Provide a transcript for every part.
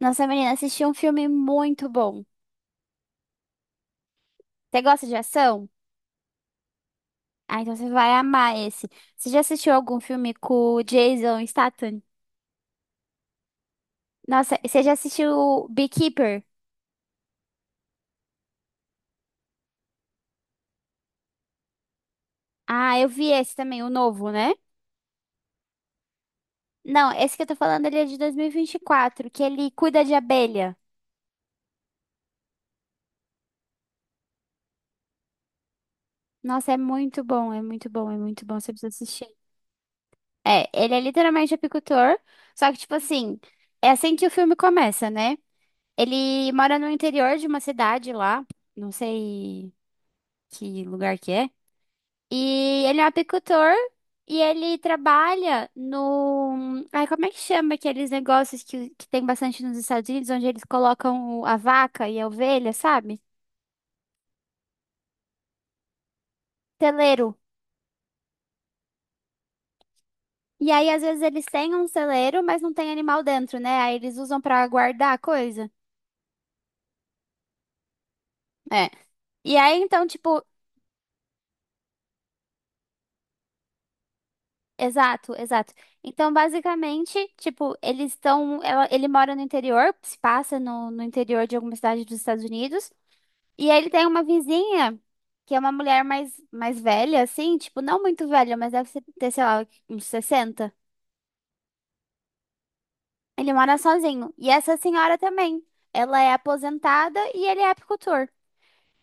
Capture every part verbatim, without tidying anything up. Nossa, menina, assisti um filme muito bom. Você gosta de ação? Ah, então você vai amar esse. Você já assistiu algum filme com o Jason Statham? Nossa, você já assistiu o Beekeeper? Ah, eu vi esse também, o novo, né? Não, esse que eu tô falando, ele é de dois mil e vinte e quatro, que ele cuida de abelha. Nossa, é muito bom, é muito bom, é muito bom, você precisa assistir. É, ele é literalmente apicultor, só que, tipo assim, é assim que o filme começa, né? Ele mora no interior de uma cidade lá, não sei que lugar que é. E ele é um apicultor e ele trabalha no. Ai, como é que chama aqueles negócios que, que tem bastante nos Estados Unidos, onde eles colocam o- a vaca e a ovelha, sabe? Celeiro. E aí, às vezes, eles têm um celeiro, mas não tem animal dentro, né? Aí eles usam pra guardar a coisa. É. E aí, então, tipo. Exato, exato. Então, basicamente, tipo, eles estão. ela- Ele mora no interior, se passa no, no interior de alguma cidade dos Estados Unidos. E aí ele tem uma vizinha, que é uma mulher mais, mais velha, assim, tipo, não muito velha, mas deve ser- ter, sei lá, uns sessenta. Ele mora sozinho. E essa senhora também. Ela é aposentada e ele é apicultor.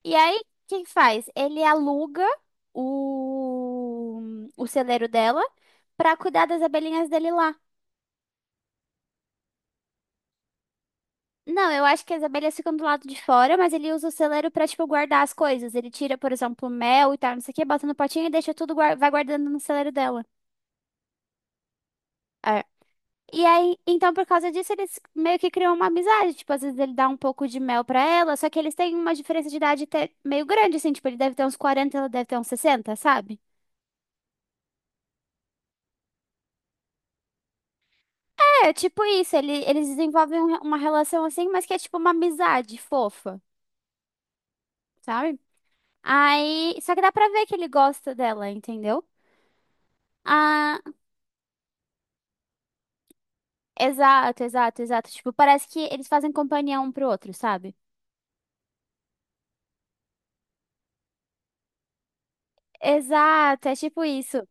E aí, o que que faz? Ele aluga o, o celeiro dela pra cuidar das abelhinhas dele lá. Não, eu acho que as abelhas ficam do lado de fora, mas ele usa o celeiro pra, tipo, guardar as coisas. Ele tira, por exemplo, mel e tal, não sei o que, bota no potinho e deixa tudo, guar- vai guardando no celeiro dela. E aí, então, por causa disso, eles meio que criam uma amizade. Tipo, às vezes ele dá um pouco de mel pra ela, só que eles têm uma diferença de idade até meio grande, assim. Tipo, ele deve ter uns quarenta, ela deve ter uns sessenta, sabe? É, tipo isso. Ele, eles desenvolvem um- uma relação assim, mas que é tipo uma amizade fofa, sabe? Aí, só que dá pra ver que ele gosta dela, entendeu? Ah, exato, exato, exato. Tipo, parece que eles fazem companhia um pro outro, sabe? Exato, é tipo isso.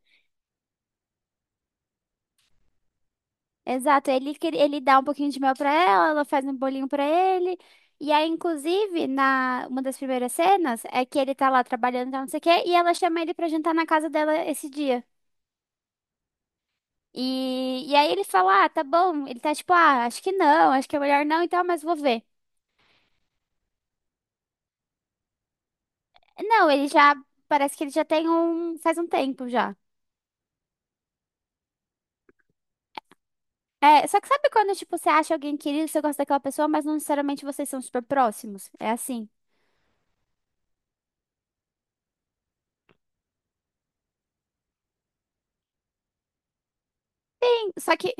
Exato, ele, que- ele dá um pouquinho de mel pra ela, ela faz um bolinho pra ele. E aí, inclusive, na uma das primeiras cenas é que ele tá lá trabalhando, tá, não sei o quê, e ela chama ele pra jantar na casa dela esse dia. E, e aí ele fala: "Ah, tá bom." Ele tá tipo: "Ah, acho que não, acho que é melhor não, então, mas vou ver." Não, ele já, parece que ele já tem um, faz um tempo já. É, só que sabe quando, tipo, você acha alguém querido, você gosta daquela pessoa, mas não necessariamente vocês são super próximos? É assim. Só que.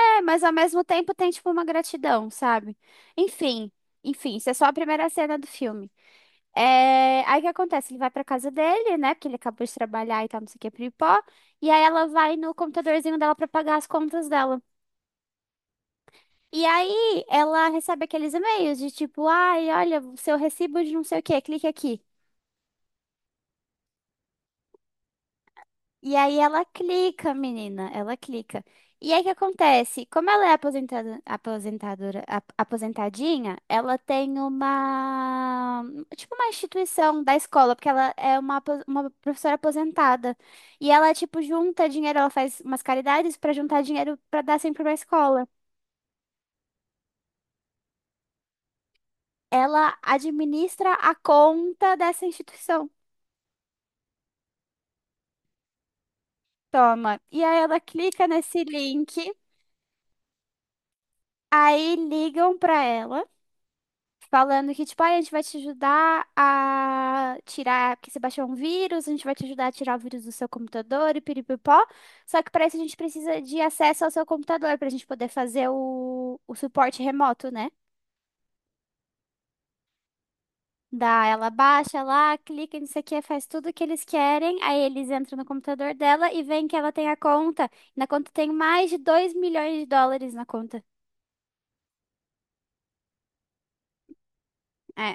É, mas ao mesmo tempo tem, tipo, uma gratidão, sabe? Enfim, enfim, isso é só a primeira cena do filme. É, aí o que acontece? Ele vai pra casa dele, né? Porque ele acabou de trabalhar e tal, não sei o que, pipó. E aí ela vai no computadorzinho dela pra pagar as contas dela. E aí ela recebe aqueles e-mails de tipo, ai, olha, o seu recibo de não sei o que, clique aqui. E aí ela clica, menina, ela clica. E aí o que acontece? Como ela é aposentada, aposentadora, ap- aposentadinha, ela tem uma, tipo uma instituição da escola, porque ela é uma, apo- uma professora aposentada. E ela, tipo, junta dinheiro, ela faz umas caridades para juntar dinheiro para dar sempre pra escola. Ela administra a conta dessa instituição. Toma. E aí ela clica nesse link, aí ligam para ela. Falando que, tipo, "Ai, a gente vai te ajudar a tirar, porque você baixou um vírus, a gente vai te ajudar a tirar o vírus do seu computador e piripipó. Só que para isso a gente precisa de acesso ao seu computador para a gente poder fazer o, o suporte remoto, né?" Dá, ela baixa lá, clica nisso aqui, faz tudo o que eles querem, aí eles entram no computador dela e veem que ela tem a conta. Na conta tem mais de dois milhões de dólares na conta. É.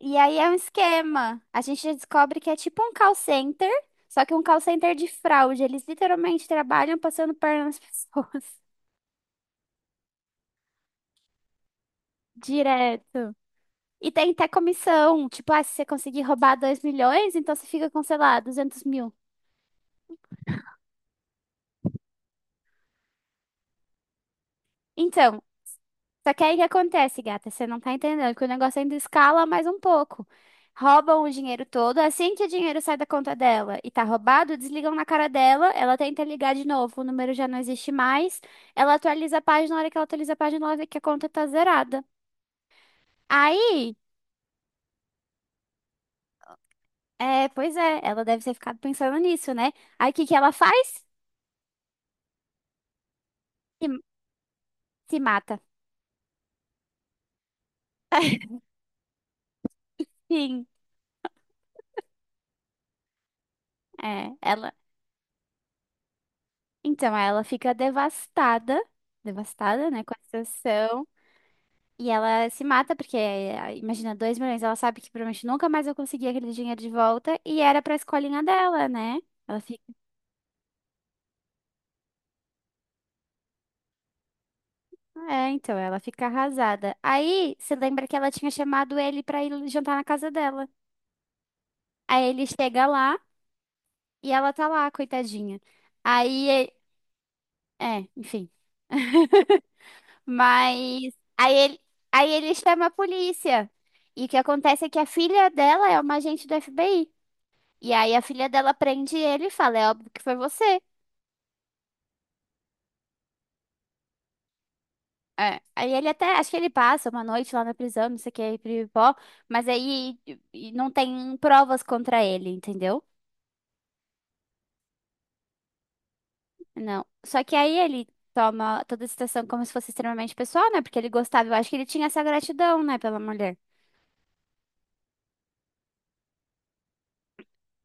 E aí é um esquema. A gente descobre que é tipo um call center, só que um call center de fraude. Eles literalmente trabalham passando perna nas pessoas. Direto. E tem até comissão. Tipo, ah, se você conseguir roubar dois milhões, então você fica com, sei lá, duzentos mil. Então. Só que aí o que acontece, gata? Você não tá entendendo que o negócio ainda escala mais um pouco. Roubam o dinheiro todo, assim que o dinheiro sai da conta dela e tá roubado, desligam na cara dela, ela tenta ligar de novo, o número já não existe mais, ela atualiza a página, na hora que ela atualiza a página, ela vê que a conta tá zerada. Aí, é, pois é, ela deve ter ficado pensando nisso, né? Aí o que que ela faz? Se, se mata. Sim, é, ela. Então, ela fica devastada, devastada, né, com a situação. E ela se mata, porque, eh, imagina, dois milhões, ela sabe que provavelmente nunca mais eu conseguir aquele dinheiro de volta, e era pra escolinha dela, né? Ela fica, é, então, ela fica arrasada. Aí, você lembra que ela tinha chamado ele pra ir jantar na casa dela. Aí ele chega lá, e ela tá lá, coitadinha. Aí, ele- é, enfim. Mas, aí ele, aí ele chama a polícia. E o que acontece é que a filha dela é uma agente do F B I. E aí a filha dela prende ele e fala, é óbvio que foi você. É, aí ele até, acho que ele passa uma noite lá na prisão, não sei o que, aí pó, mas aí e não tem provas contra ele, entendeu? Não. Só que aí ele toma toda a situação como se fosse extremamente pessoal, né? Porque ele gostava, eu acho que ele tinha essa gratidão, né, pela mulher.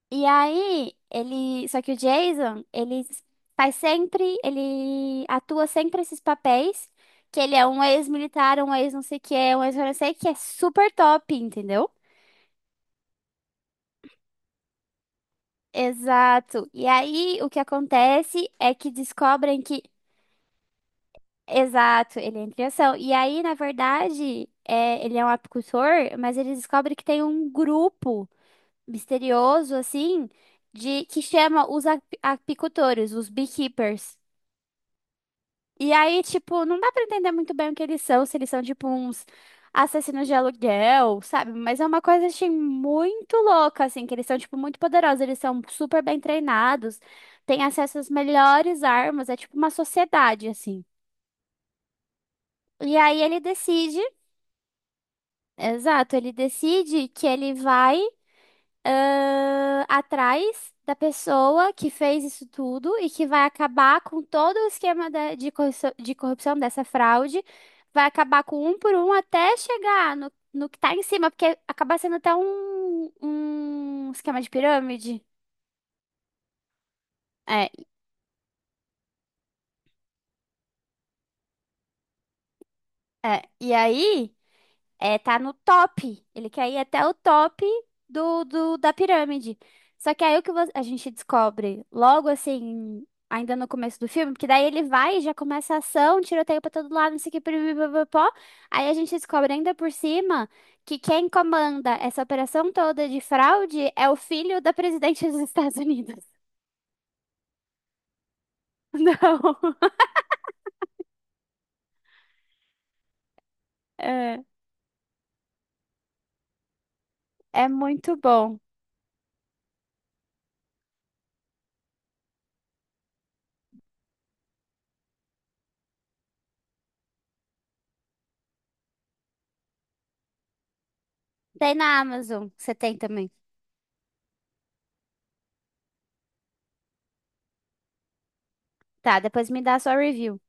E aí, ele, só que o Jason, ele faz sempre, ele atua sempre esses papéis, que ele é um ex-militar, um ex não sei o que, um ex não sei o que, é super top, entendeu? Exato. E aí, o que acontece é que descobrem que. Exato, ele entra em ação. E aí, na verdade, é, ele é um apicultor, mas ele descobre que tem um grupo misterioso, assim, de que chama os ap- apicultores, os beekeepers. E aí, tipo, não dá pra entender muito bem o que eles são, se eles são, tipo, uns assassinos de aluguel, sabe? Mas é uma coisa, assim, muito louca, assim, que eles são, tipo, muito poderosos, eles são super bem treinados, têm acesso às melhores armas, é tipo uma sociedade, assim. E aí ele decide, exato, ele decide que ele vai ah, atrás da pessoa que fez isso tudo e que vai acabar com todo o esquema da- de corrupção, de corrupção dessa fraude, vai acabar com um por um até chegar no, no que tá em cima, porque acaba sendo até um, um esquema de pirâmide. É, é. E aí. É, tá no top. Ele quer ir até o top do, do- da pirâmide. Só que aí o que vo- a gente descobre logo assim, ainda no começo do filme, porque daí ele vai e já começa a ação, tiroteio pra todo lado, não sei o que, pipipipopopó. Aí a gente descobre ainda por cima que quem comanda essa operação toda de fraude é o filho da presidente dos Estados Unidos. Não. É, é muito bom. Tem na Amazon, você tem também. Tá, depois me dá a sua review.